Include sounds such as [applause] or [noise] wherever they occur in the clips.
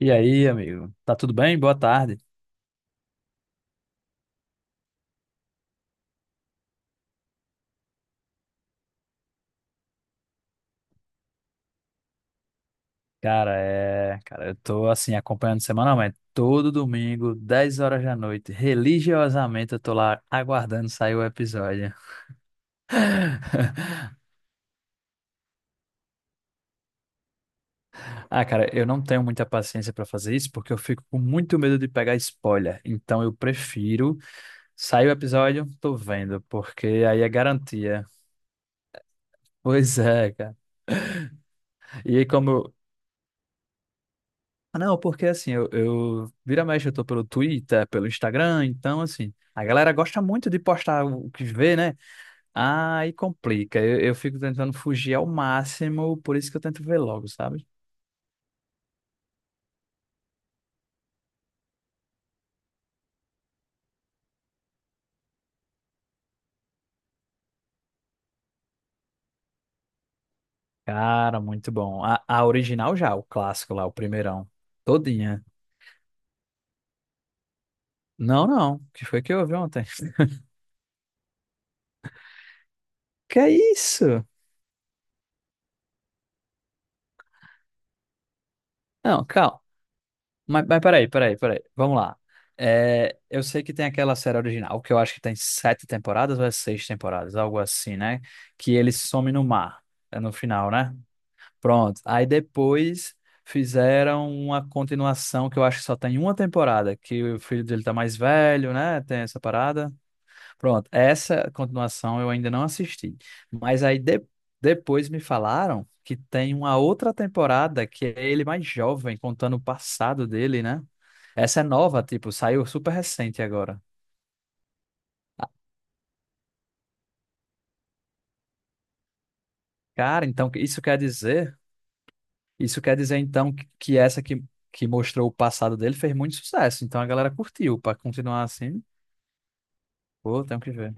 E aí, amigo? Tá tudo bem? Boa tarde. Cara, eu tô assim acompanhando semanalmente, todo domingo, 10 horas da noite, religiosamente eu tô lá aguardando sair o episódio. [laughs] Ah, cara, eu não tenho muita paciência pra fazer isso porque eu fico com muito medo de pegar spoiler. Então eu prefiro sair o episódio, tô vendo, porque aí é garantia. Pois é, cara. E aí, como Ah, Não, porque assim, eu vira e mexe, eu tô pelo Twitter, pelo Instagram, então assim, a galera gosta muito de postar o que vê, né? Aí complica. Eu fico tentando fugir ao máximo, por isso que eu tento ver logo, sabe? Cara, muito bom. A original já, o clássico lá, o primeirão. Todinha. Não, não. O que foi que eu ouvi ontem? [laughs] Que é isso? Não, calma. Mas, mas peraí. Vamos lá. É, eu sei que tem aquela série original, que eu acho que tem sete temporadas ou é seis temporadas, algo assim, né? Que ele some no mar, é no final, né? Pronto. Aí depois fizeram uma continuação que eu acho que só tem uma temporada, que o filho dele tá mais velho, né? Tem essa parada. Pronto. Essa continuação eu ainda não assisti. Mas aí depois me falaram que tem uma outra temporada que é ele mais jovem, contando o passado dele, né? Essa é nova, tipo, saiu super recente agora. Ah, cara, então isso quer dizer então que essa que mostrou o passado dele fez muito sucesso. Então a galera curtiu. Pra continuar assim, pô, tenho que ver.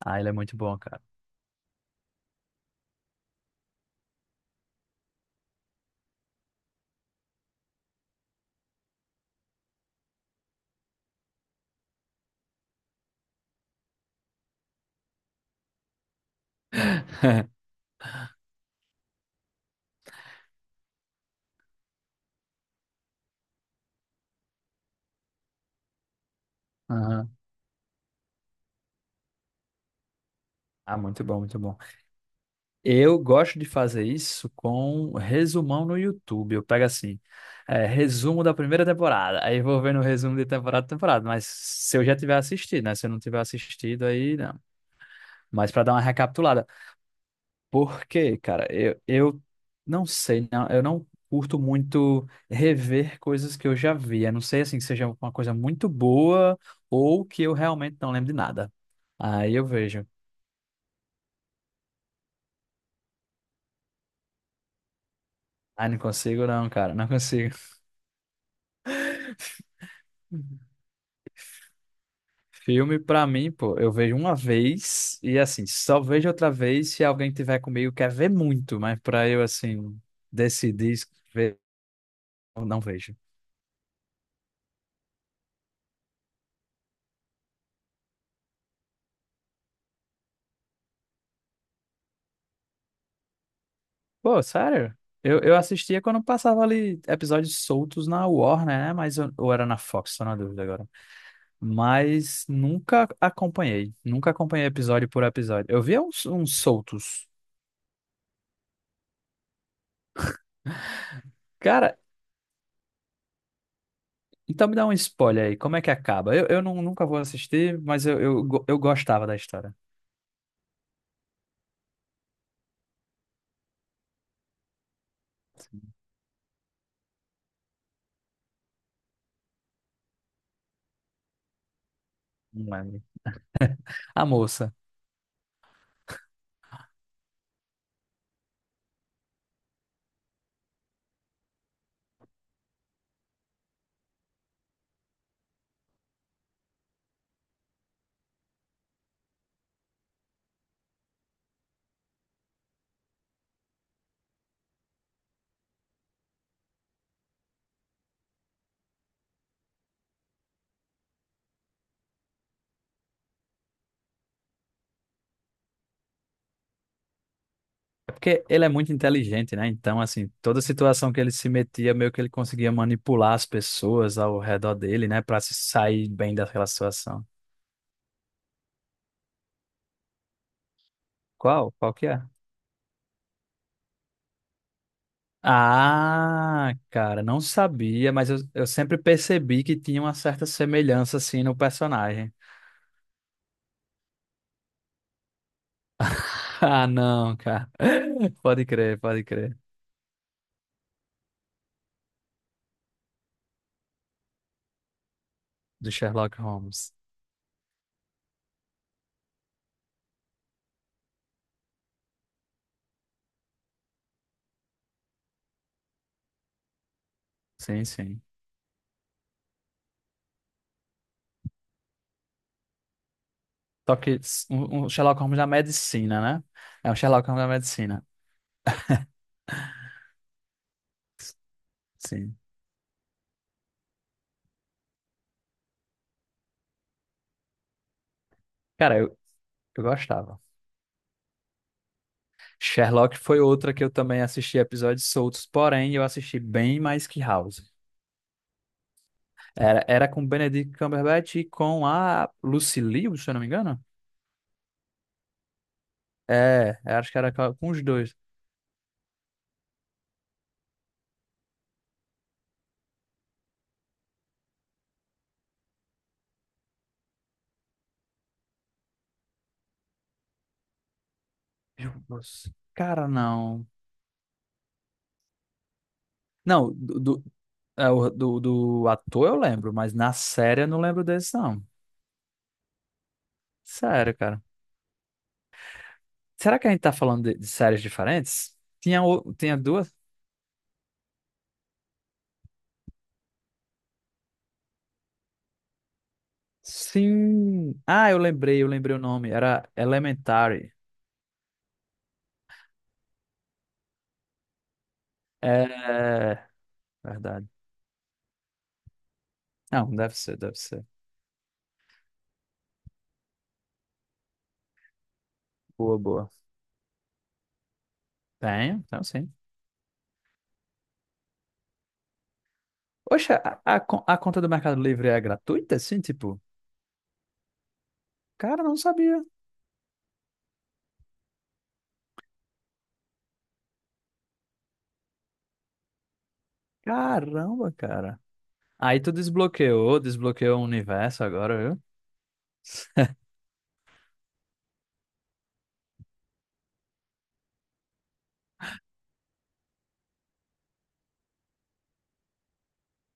Ah, ele é muito bom, cara. [laughs] Aham. Ah, muito bom, muito bom. Eu gosto de fazer isso com resumão no YouTube. Eu pego assim, resumo da primeira temporada. Aí eu vou vendo o resumo de temporada a temporada. Mas se eu já tiver assistido, né? Se eu não tiver assistido, aí não. Mas pra dar uma recapitulada. Porque, cara, eu não sei, não, eu não curto muito rever coisas que eu já vi. A não sei assim que seja uma coisa muito boa ou que eu realmente não lembro de nada. Aí eu vejo. Ah, não consigo não, cara, não consigo. [laughs] Filme pra mim, pô, eu vejo uma vez e assim, só vejo outra vez se alguém tiver comigo quer ver muito, mas pra eu assim decidir ver, eu não vejo. Pô, sério? Eu assistia quando passava ali episódios soltos na Warner, né? Mas eu, ou era na Fox, tô na dúvida agora. Mas nunca acompanhei. Nunca acompanhei episódio por episódio. Eu via uns, uns soltos. Cara, então me dá um spoiler aí. Como é que acaba? Eu não, nunca vou assistir, mas eu, eu gostava da história. Não lembro. A moça. É porque ele é muito inteligente, né? Então, assim, toda situação que ele se metia, meio que ele conseguia manipular as pessoas ao redor dele, né? Pra se sair bem daquela situação. Qual? Qual que é? Ah, cara, não sabia, mas eu sempre percebi que tinha uma certa semelhança, assim, no personagem. [laughs] Ah, não, cara. [laughs] Pode crer, pode crer. Do Sherlock Holmes. Sim, sim. Só que um, um Sherlock Holmes da medicina, né? É um Sherlock Holmes da medicina. [laughs] Sim. Cara, eu gostava. Sherlock foi outra que eu também assisti episódios soltos, porém eu assisti bem mais que House. Era, era com Benedict Cumberbatch e com a Lucy Liu, se eu não me engano. É, eu acho que era com os dois. Meu Deus. Cara, não. Não, do, do, do, do ator eu lembro, mas na série eu não lembro desse, não. Sério, cara. Será que a gente tá falando de séries diferentes? Tinha, tinha duas? Sim. Ah, eu lembrei o nome. Era Elementary. É, verdade. Não, deve ser, deve ser. Boa, boa. Tenho, então sim. Oxe, a conta do Mercado Livre é gratuita, assim, tipo? Cara, não sabia. Caramba, cara. Aí tu desbloqueou, desbloqueou o universo agora, viu?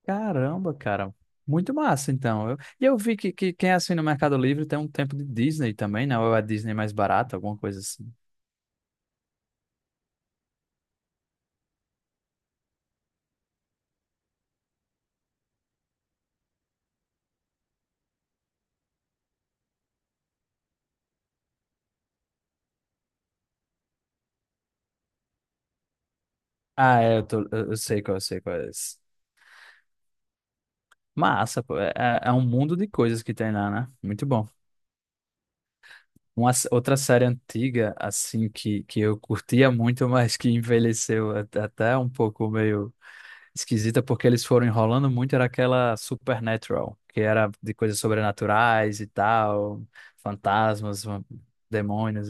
Caramba, cara. Muito massa, então. E eu, vi que quem é assim no Mercado Livre tem um tempo de Disney também, né? Ou é a Disney mais barata, alguma coisa assim. Ah, é, eu, tô, eu sei qual, eu sei qual é esse. Massa, pô. É, é um mundo de coisas que tem lá, né? Muito bom. Outra série antiga, assim, que eu curtia muito, [laughs] mas que envelheceu até um pouco meio esquisita, porque eles foram enrolando muito, era aquela Supernatural, que era de coisas sobrenaturais e tal, fantasmas, vam- demônios.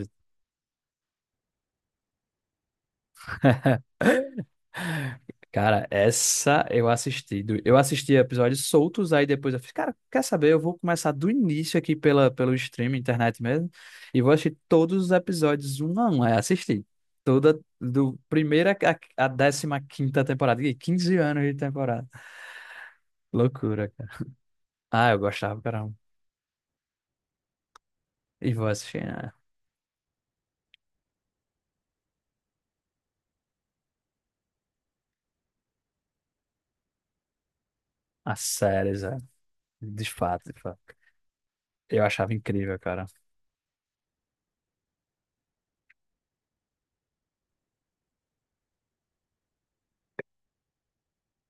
Cara, essa eu assisti. Eu assisti episódios soltos, aí depois eu fiz, cara, quer saber? Eu vou começar do início aqui pela, pelo streaming, internet mesmo, e vou assistir todos os episódios um a um. Aí assisti. Toda, do primeira a décima quinta temporada. Ih, 15 anos de temporada. Loucura, cara. Ah, eu gostava, caramba. E vou assistir né, as séries, é. De fato, de fato. Eu achava incrível, cara.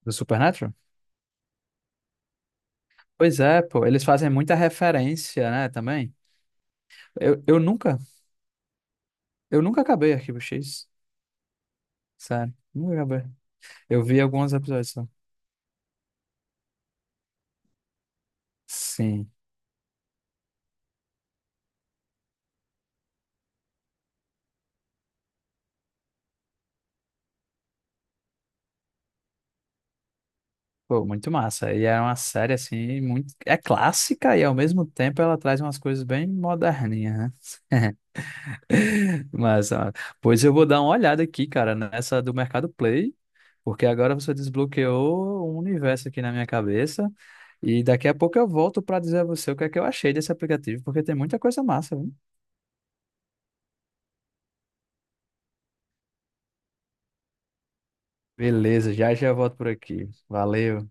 Do Supernatural? Pois é, pô. Eles fazem muita referência, né, também. Eu, eu nunca Eu nunca acabei Arquivo X, sério. Nunca acabei. Eu vi alguns episódios só. Sim. Pô, muito massa. E é uma série, assim, muito... É clássica e, ao mesmo tempo, ela traz umas coisas bem moderninhas, né? [laughs] Mas, ó, pois eu vou dar uma olhada aqui, cara, nessa do Mercado Play, porque agora você desbloqueou um universo aqui na minha cabeça. E daqui a pouco eu volto para dizer a você o que é que eu achei desse aplicativo, porque tem muita coisa massa, viu? Beleza, já já volto por aqui. Valeu.